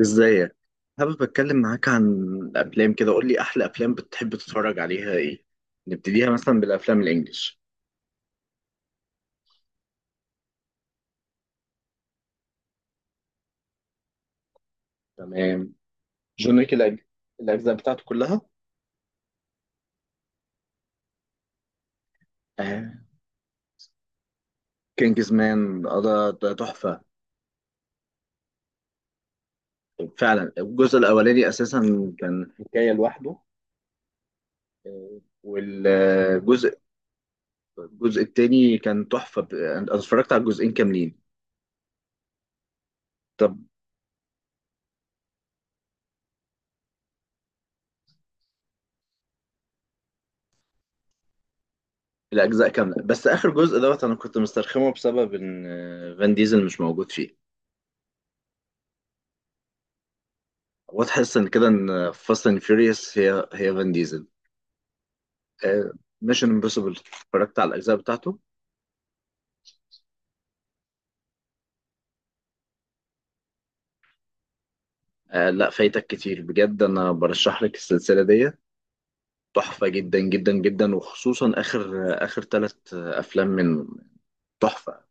ازيك؟ حابب اتكلم معاك عن الافلام. كده قول لي، احلى افلام بتحب تتفرج عليها ايه؟ نبتديها مثلا بالافلام الانجليش. تمام. جون ويك الاجزاء بتاعته كلها. آه. كينجز مان ده تحفه. فعلا الجزء الاولاني اساسا كان حكايه لوحده. والجزء الجزء التاني كان تحفه. انا اتفرجت على الجزئين كاملين. طب الاجزاء كامله، بس اخر جزء دوت انا كنت مسترخمه بسبب ان فان ديزل مش موجود فيه. هو تحس ان كده ان فاست اند فيوريوس هي فان ديزل. ميشن امبوسيبل اتفرجت على الاجزاء بتاعته. آه لا، فايتك كتير بجد، انا برشح لك السلسله دي. تحفه جدا جدا جدا، وخصوصا اخر اخر ثلاث افلام من... تحفه.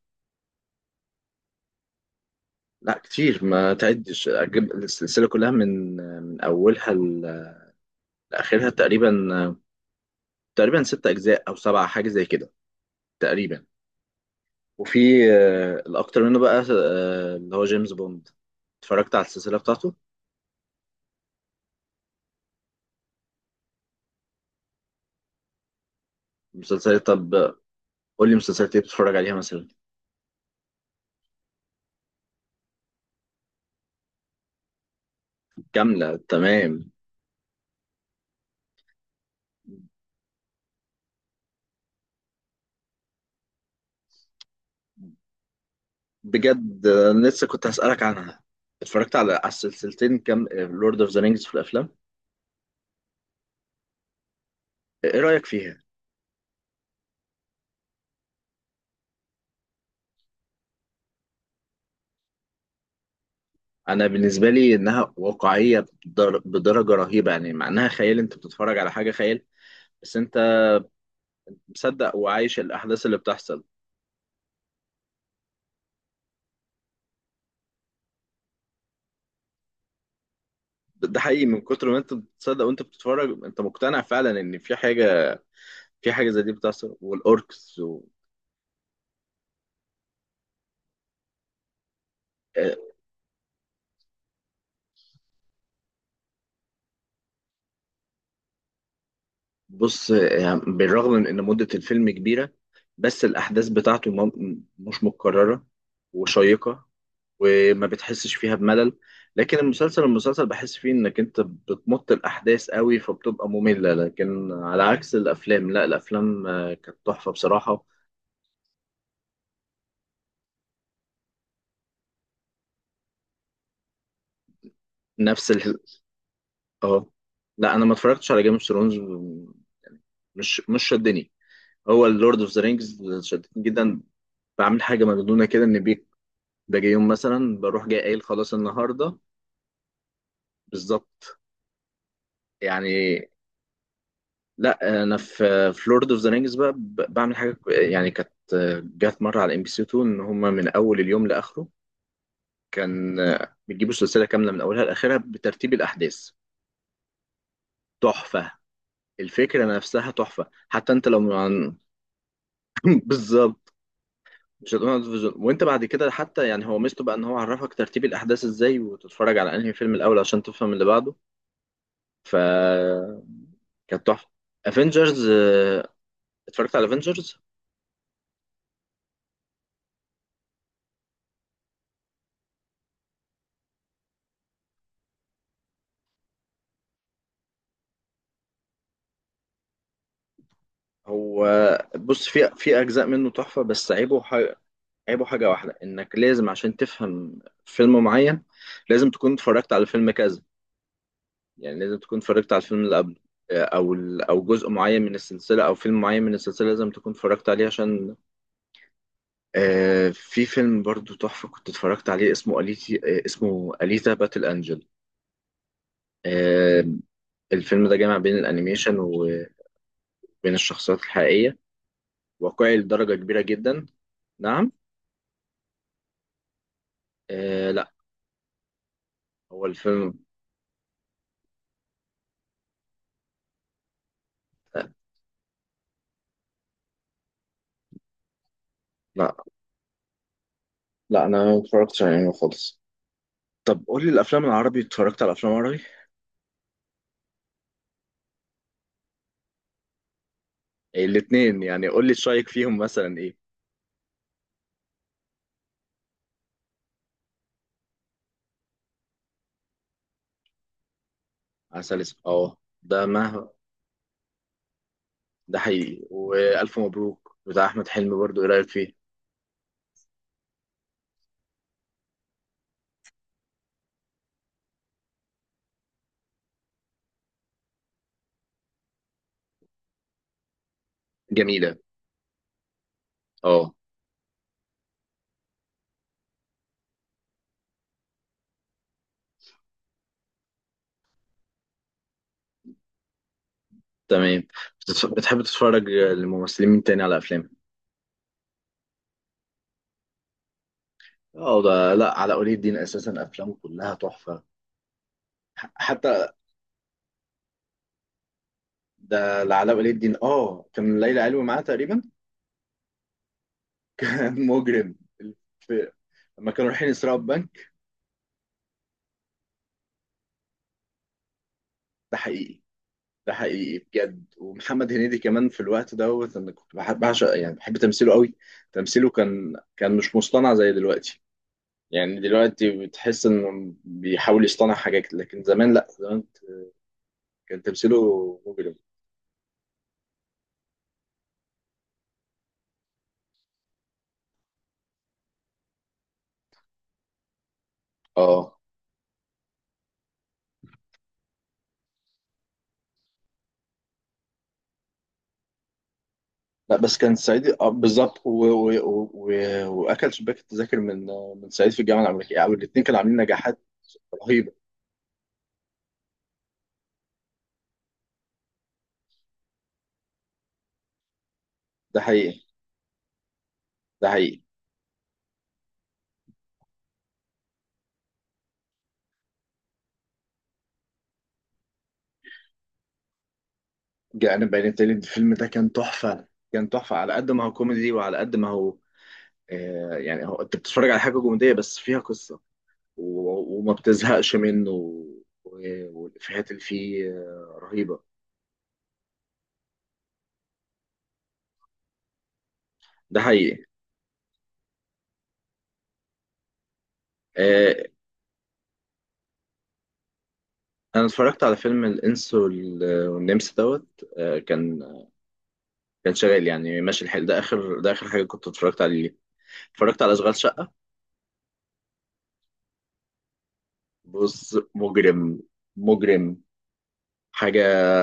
لا كتير، ما تعدش. أجيب السلسله كلها من اولها لاخرها تقريبا. تقريبا ست اجزاء او سبعه، حاجه زي كده تقريبا. وفي الاكتر منه بقى، اللي هو جيمس بوند. اتفرجت على السلسله بتاعته. مسلسلات؟ طب قول لي مسلسلات ايه بتتفرج عليها مثلا؟ كاملة، تمام. بجد أنا لسه كنت هسألك عنها. اتفرجت على السلسلتين؟ كام لورد اوف ذا رينجز في الافلام؟ ايه رأيك فيها؟ انا بالنسبة لي انها واقعية بدرجة رهيبة، يعني مع انها خيال، انت بتتفرج على حاجة خيال بس انت مصدق وعايش الاحداث اللي بتحصل. ده حقيقي، من كتر ما انت بتصدق وانت بتتفرج، انت مقتنع فعلا ان في حاجة. في حاجة زي دي بتحصل، والاوركس. بص يعني بالرغم من ان مدة الفيلم كبيرة، بس الاحداث بتاعته مش متكررة، وشيقة، وما بتحسش فيها بملل. لكن المسلسل، المسلسل بحس فيه انك انت بتمط الاحداث قوي فبتبقى مملة، لكن على عكس الافلام، لا الافلام كانت تحفة بصراحة. نفس ال... اه، لا انا ما اتفرجتش على جيم اوف ثرونز. مش شدني. هو اللورد اوف ذا رينجز شدتني جدا. بعمل حاجة مجنونة كده، ان باجي يوم مثلا بروح جاي قايل خلاص النهارده. بالظبط، يعني. لا انا في لورد اوف ذا رينجز بقى بعمل حاجه يعني كانت. جت مره على ام بي سي 2 ان هم من اول اليوم لاخره، كان بيجيبوا السلسله كامله من اولها لاخرها بترتيب الاحداث. تحفه. الفكره نفسها تحفه، حتى انت لو عن... بالظبط. مش هتقول عن الفيجن. وانت بعد كده حتى، يعني هو ميزته بقى ان هو عرفك ترتيب الاحداث ازاي، وتتفرج على انهي فيلم الاول عشان تفهم اللي بعده. ف كانت تحفه. افنجرز، اتفرجت على افنجرز. هو بص، في اجزاء منه تحفه، بس عيبه حاجه واحده، انك لازم عشان تفهم فيلم معين، لازم تكون اتفرجت على فيلم كذا. يعني لازم تكون اتفرجت على الفيلم اللي قبله، او او جزء معين من السلسله او فيلم معين من السلسله لازم تكون اتفرجت عليه عشان... في فيلم برضو تحفه كنت اتفرجت عليه، اسمه اليتا باتل انجل. آه الفيلم ده جامع بين الانيميشن، بين الشخصيات الحقيقية. واقعي لدرجة كبيرة جدا. نعم. آه لا، هو الفيلم. لا، لا، لا أنا ما اتفرجتش على أنمي خالص. طب قول لي، الأفلام العربي، اتفرجت على أفلام عربي؟ إيه، الاتنين يعني. قول لي شايك فيهم مثلا إيه؟ عسل أسود، أه. ده ما... ده حقيقي. وألف مبروك بتاع أحمد حلمي برضو، إيه رأيك فيه؟ جميلة. أه، تمام. بتحب تتفرج للممثلين مين تاني على أفلام؟ اه، ده لا، علاء ولي الدين اساسا افلامه كلها تحفه. حتى ده لعلاء ولي الدين، اه كان ليلى علوي معاه تقريبا. مجرم. في- لما كانوا رايحين يسرقوا البنك. ده حقيقي. ده حقيقي بجد. ومحمد هنيدي كمان في الوقت دوت انا كنت بحب بعشق، يعني بحب تمثيله قوي. تمثيله كان مش مصطنع زي دلوقتي. يعني دلوقتي بتحس انه بيحاول يصطنع حاجات، لكن زمان، لا زمان كان تمثيله مجرم. اه لا، بس كان سعيد آه بالظبط. واكل شباك التذاكر من سعيد في الجامعه الامريكيه، يعني الاثنين كانوا عاملين نجاحات رهيبه. ده حقيقي. ده حقيقي. جاءنا بيان التالي، الفيلم ده كان تحفة. كان تحفة على قد ما هو كوميدي، وعلى قد ما هو... يعني هو انت بتتفرج على حاجة كوميدية بس فيها قصة، وما بتزهقش منه، والإفيهات اللي فيه رهيبة. ده حقيقي. آه أنا اتفرجت على فيلم الإنس والنمس دوت. آه كان كان شغال، يعني ماشي الحال. ده آخر، ده آخر حاجة كنت اتفرجت عليه. اتفرجت على أشغال شقة. بص مجرم. مجرم حاجة،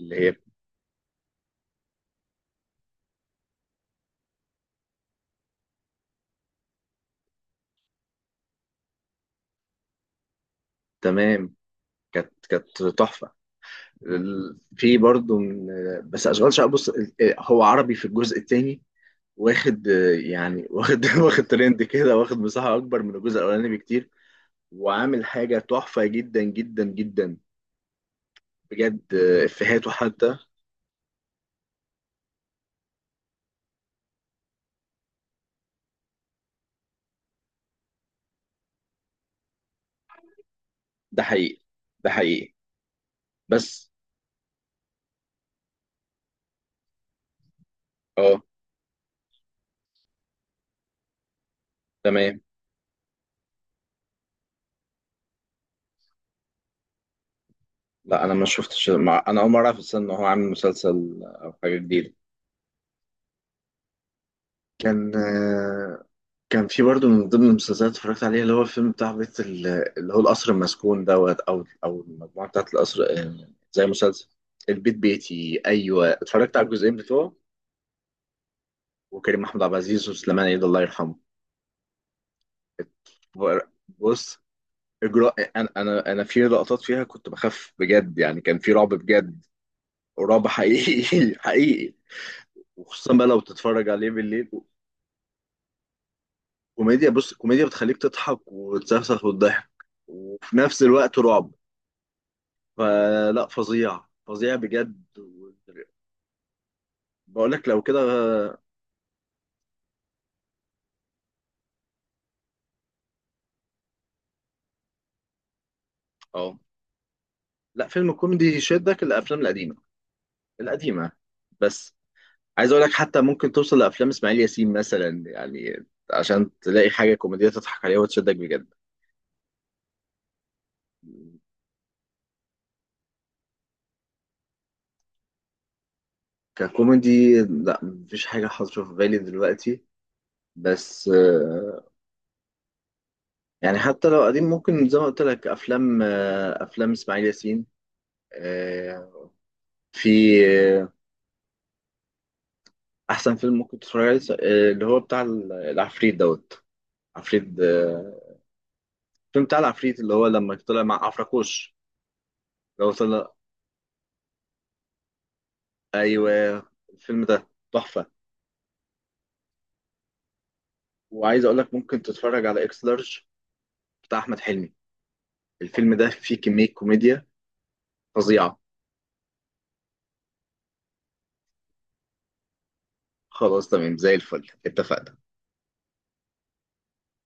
اللي هي تمام. كانت تحفه. في برضه من... بس اشغال شقه بص، إيه، هو عربي في الجزء الثاني. واخد آه، يعني واخد واخد ترند كده، واخد مساحه اكبر من الجزء الاولاني بكتير. وعامل حاجه تحفه جدا جدا جدا. بجد افيهاته حتى... ده حقيقي. ده حقيقي بس. اه تمام. لا انا ما شفتش، ما انا اول مره اعرف أصلاً ان هو عامل مسلسل او حاجه جديده. كان آه، كان في برضه من ضمن المسلسلات اللي اتفرجت عليها، اللي هو الفيلم بتاع بيت اللي هو القصر المسكون دوت او المجموعه بتاعت القصر، زي مسلسل البيت بيتي. ايوه، اتفرجت على الجزئين بتوعه. وكريم محمود عبد العزيز وسليمان عيد الله يرحمه. اتفر- بص اجراء، انا في لقطات فيها كنت بخاف بجد، يعني كان في رعب بجد. رعب حقيقي حقيقي. وخصوصا بقى لو تتفرج عليه بالليل. كوميديا؟ بص كوميديا بتخليك تضحك وتسخسخ وتضحك، وفي نفس الوقت رعب. فلا، فظيع فظيع بجد. بقول لك لو كده. اه، لا فيلم كوميدي يشدك، الافلام القديمه. القديمه بس، عايز اقول لك حتى ممكن توصل لافلام اسماعيل ياسين مثلا يعني، عشان تلاقي حاجه كوميديه تضحك عليها وتشدك بجد. ككوميدي، لا مفيش حاجه حاضره في بالي دلوقتي. بس يعني حتى لو قديم ممكن زي ما قلت لك، افلام اسماعيل ياسين. آه، في آه، احسن فيلم ممكن تتفرج عليه اللي هو بتاع العفريت دوت. عفريت، الفيلم بتاع العفريت اللي هو لما طلع مع عفراكوش، اللي هو طلع. ايوه، الفيلم ده تحفه. وعايز اقول لك، ممكن تتفرج على اكس لارج بتاع احمد حلمي. الفيلم ده فيه كميه كوميديا فظيعه. خلاص تمام، زي الفل، اتفقنا.